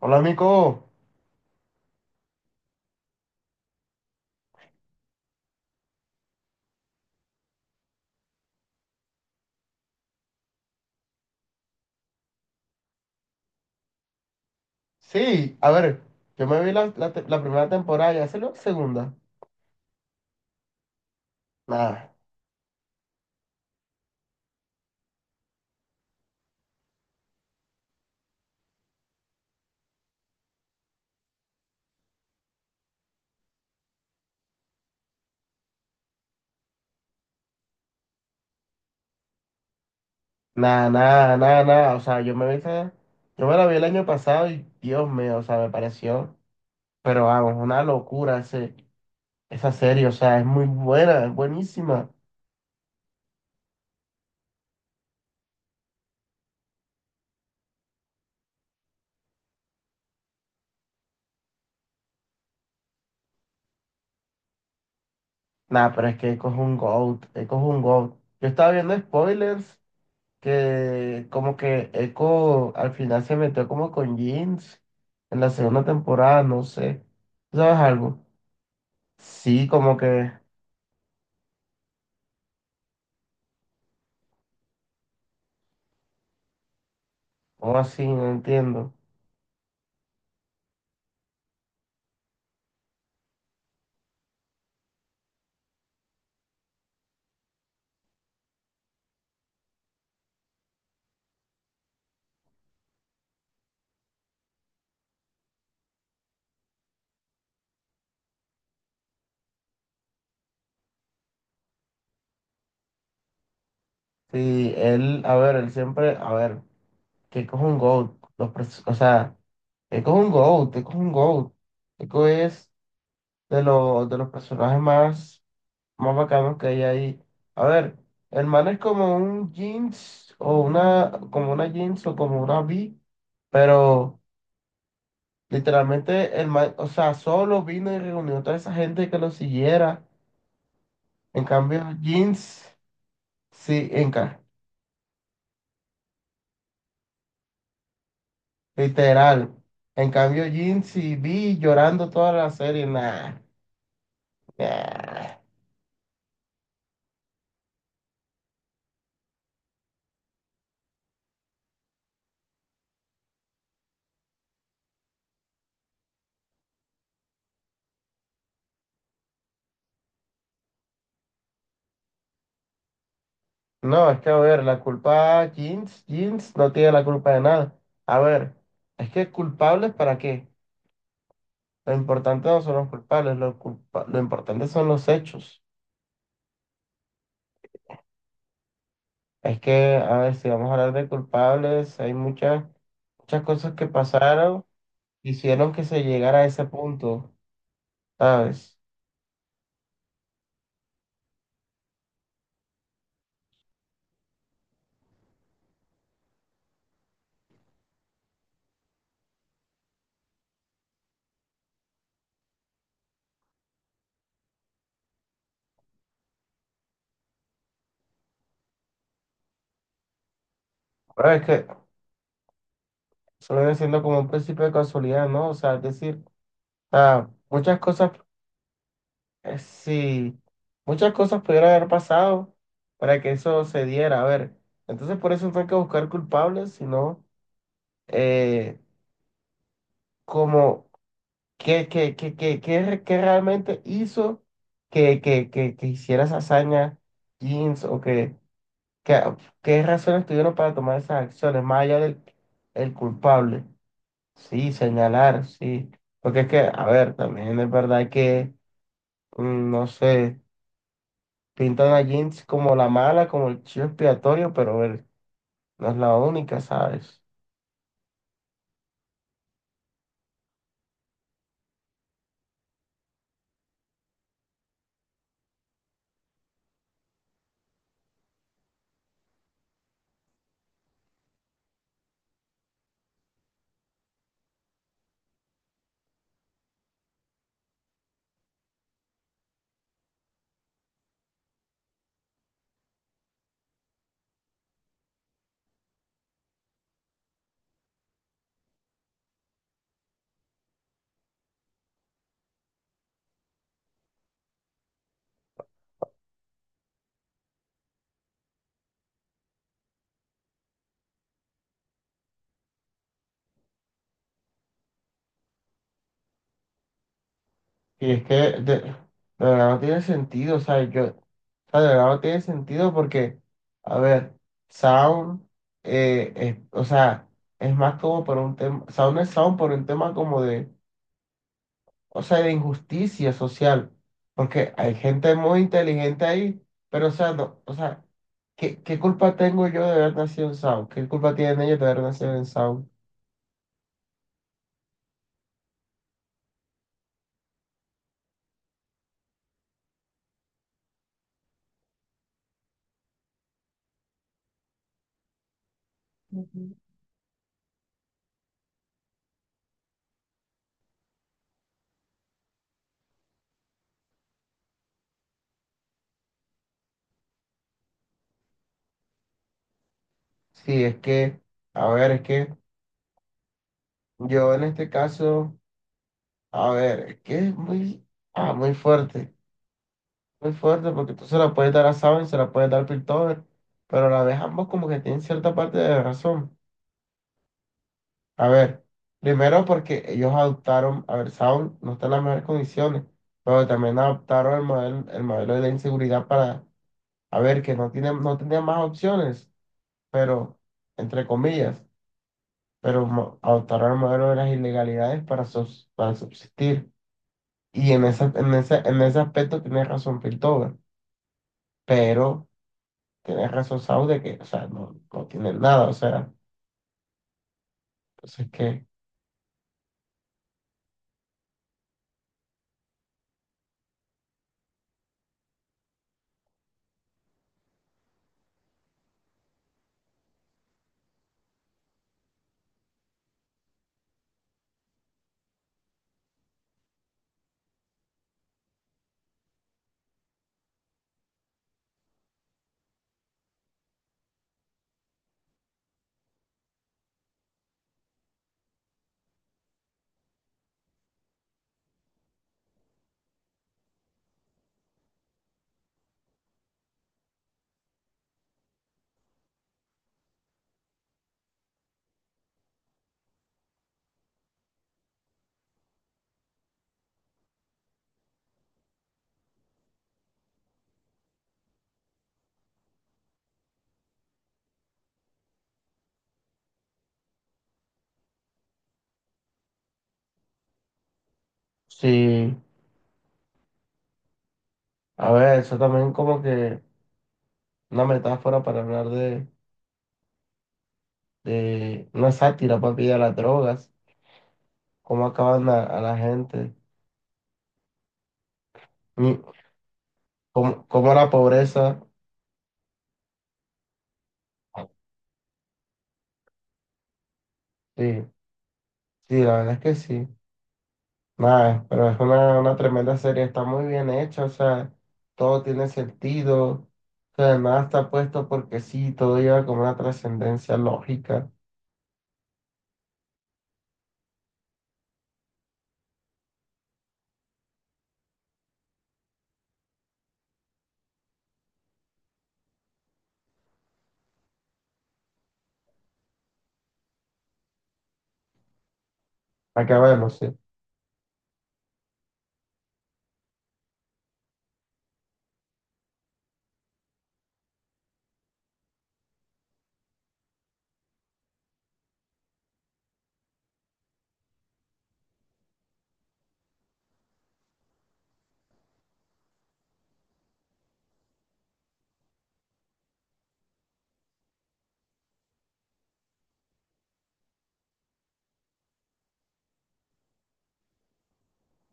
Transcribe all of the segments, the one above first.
Hola, Nico. Sí, a ver, yo me vi la primera temporada, ya salió la segunda. Nada, nada. O sea, yo me la vi el año pasado y Dios mío, o sea, me pareció, pero vamos, una locura esa serie, o sea, es muy buena, es buenísima. Nada, pero es que Echo es un GOAT, Echo es un GOAT. Yo estaba viendo spoilers que como que Echo al final se metió como con Jeans en la segunda temporada, no sé. ¿Tú ¿Sabes algo? Sí, como que, o así, no entiendo. Sí, él siempre, a ver, que coge un GOAT, los, pres- o sea, que coge un GOAT, que coge un GOAT. Eco es de los personajes más, más bacanos que hay ahí. A ver, el man es como un jeans, o una, como una jeans, o como una V, pero literalmente el man, o sea, solo vino y reunió a toda esa gente que lo siguiera. En cambio, jeans, sí, literal. En cambio, Jin, si vi llorando toda la serie, nah, nah. No, es que a ver, la culpa Jeans, Jeans no tiene la culpa de nada. A ver, es que ¿culpables para qué? Lo importante no son los culpables, lo importante son los hechos. Es que, a ver, si vamos a hablar de culpables, hay muchas cosas que pasaron, hicieron que se llegara a ese punto, ¿sabes? Pero es que eso viene siendo como un principio de casualidad, ¿no? O sea, es decir. Sea, muchas cosas, sí, muchas cosas pudieron haber pasado para que eso se diera. A ver, entonces por eso no hay que buscar culpables, sino eh, como qué realmente hizo que hiciera esa hazaña Jeans o que- qué razones tuvieron para tomar esas acciones, más allá del el culpable. Sí, señalar, sí. Porque es que, a ver, también es verdad que, no sé. Pintan a Jinx como la mala, como el chivo expiatorio, pero él no es la única, ¿sabes? Y es que de verdad no tiene sentido, ¿sabes? Yo, o sea, de verdad no tiene sentido porque, a ver, Sound, o sea, es más como por un tema, Sound es Sound por un tema como de, o sea, de injusticia social, porque hay gente muy inteligente ahí, pero, o sea, no, o sea, ¿qué culpa tengo yo de haber nacido en Sound? ¿Qué culpa tienen ellos de haber nacido en Sound? Sí, es que, a ver, es que yo en este caso, a ver, es que ah, muy fuerte, muy fuerte, porque tú se la puedes dar a Saben, se la puedes dar a Piltover, pero a la vez ambos como que tienen cierta parte de razón. A ver, primero porque ellos adoptaron, a ver, Saben no está en las mejores condiciones, pero también adoptaron el modelo de la inseguridad para, a ver, que no tenía más opciones, pero entre comillas. Pero adoptaron el modelo de las ilegalidades para, para subsistir. Y en en en ese aspecto tienes razón Piltover, pero tienes razón Sau de que, o sea, no tienen nada, o sea, entonces que, sí, a ver, eso también como que una metáfora para hablar de una sátira, papi, de las drogas, cómo acaban a la gente, y cómo, cómo la pobreza, sí, sí, la verdad es que sí. Nada, pero es una tremenda serie, está muy bien hecha, o sea, todo tiene sentido, o sea, nada está puesto porque sí, todo lleva como una trascendencia lógica. Acá de sí,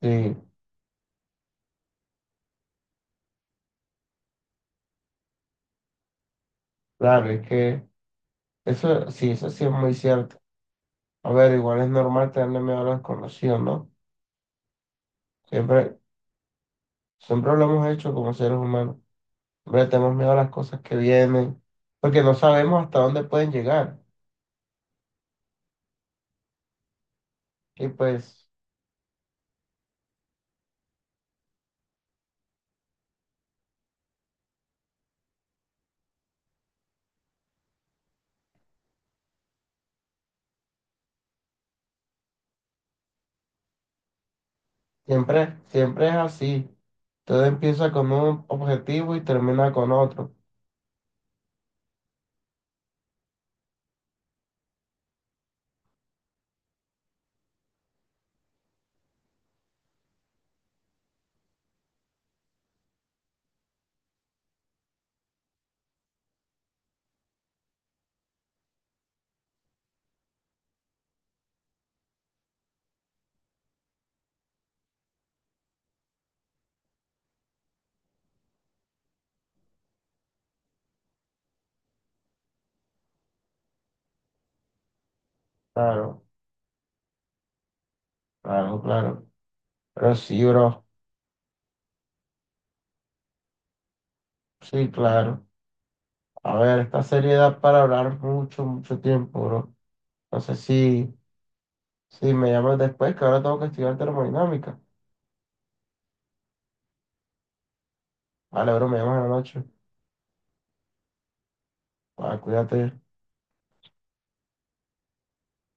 sí, claro, es que eso sí es muy cierto. A ver, igual es normal tenerle miedo a lo desconocido, ¿no? Siempre, siempre lo hemos hecho como seres humanos. Siempre tenemos miedo a las cosas que vienen, porque no sabemos hasta dónde pueden llegar. Y pues. Siempre, siempre es así. Todo empieza con un objetivo y termina con otro. Claro, claro, claro. Pero sí, bro. Sí, claro. A ver, esta serie da para hablar mucho, mucho tiempo, bro. No sé si, si me llamas después, que ahora tengo que estudiar termodinámica. Vale, bro, me llamas en la noche. Va, cuídate.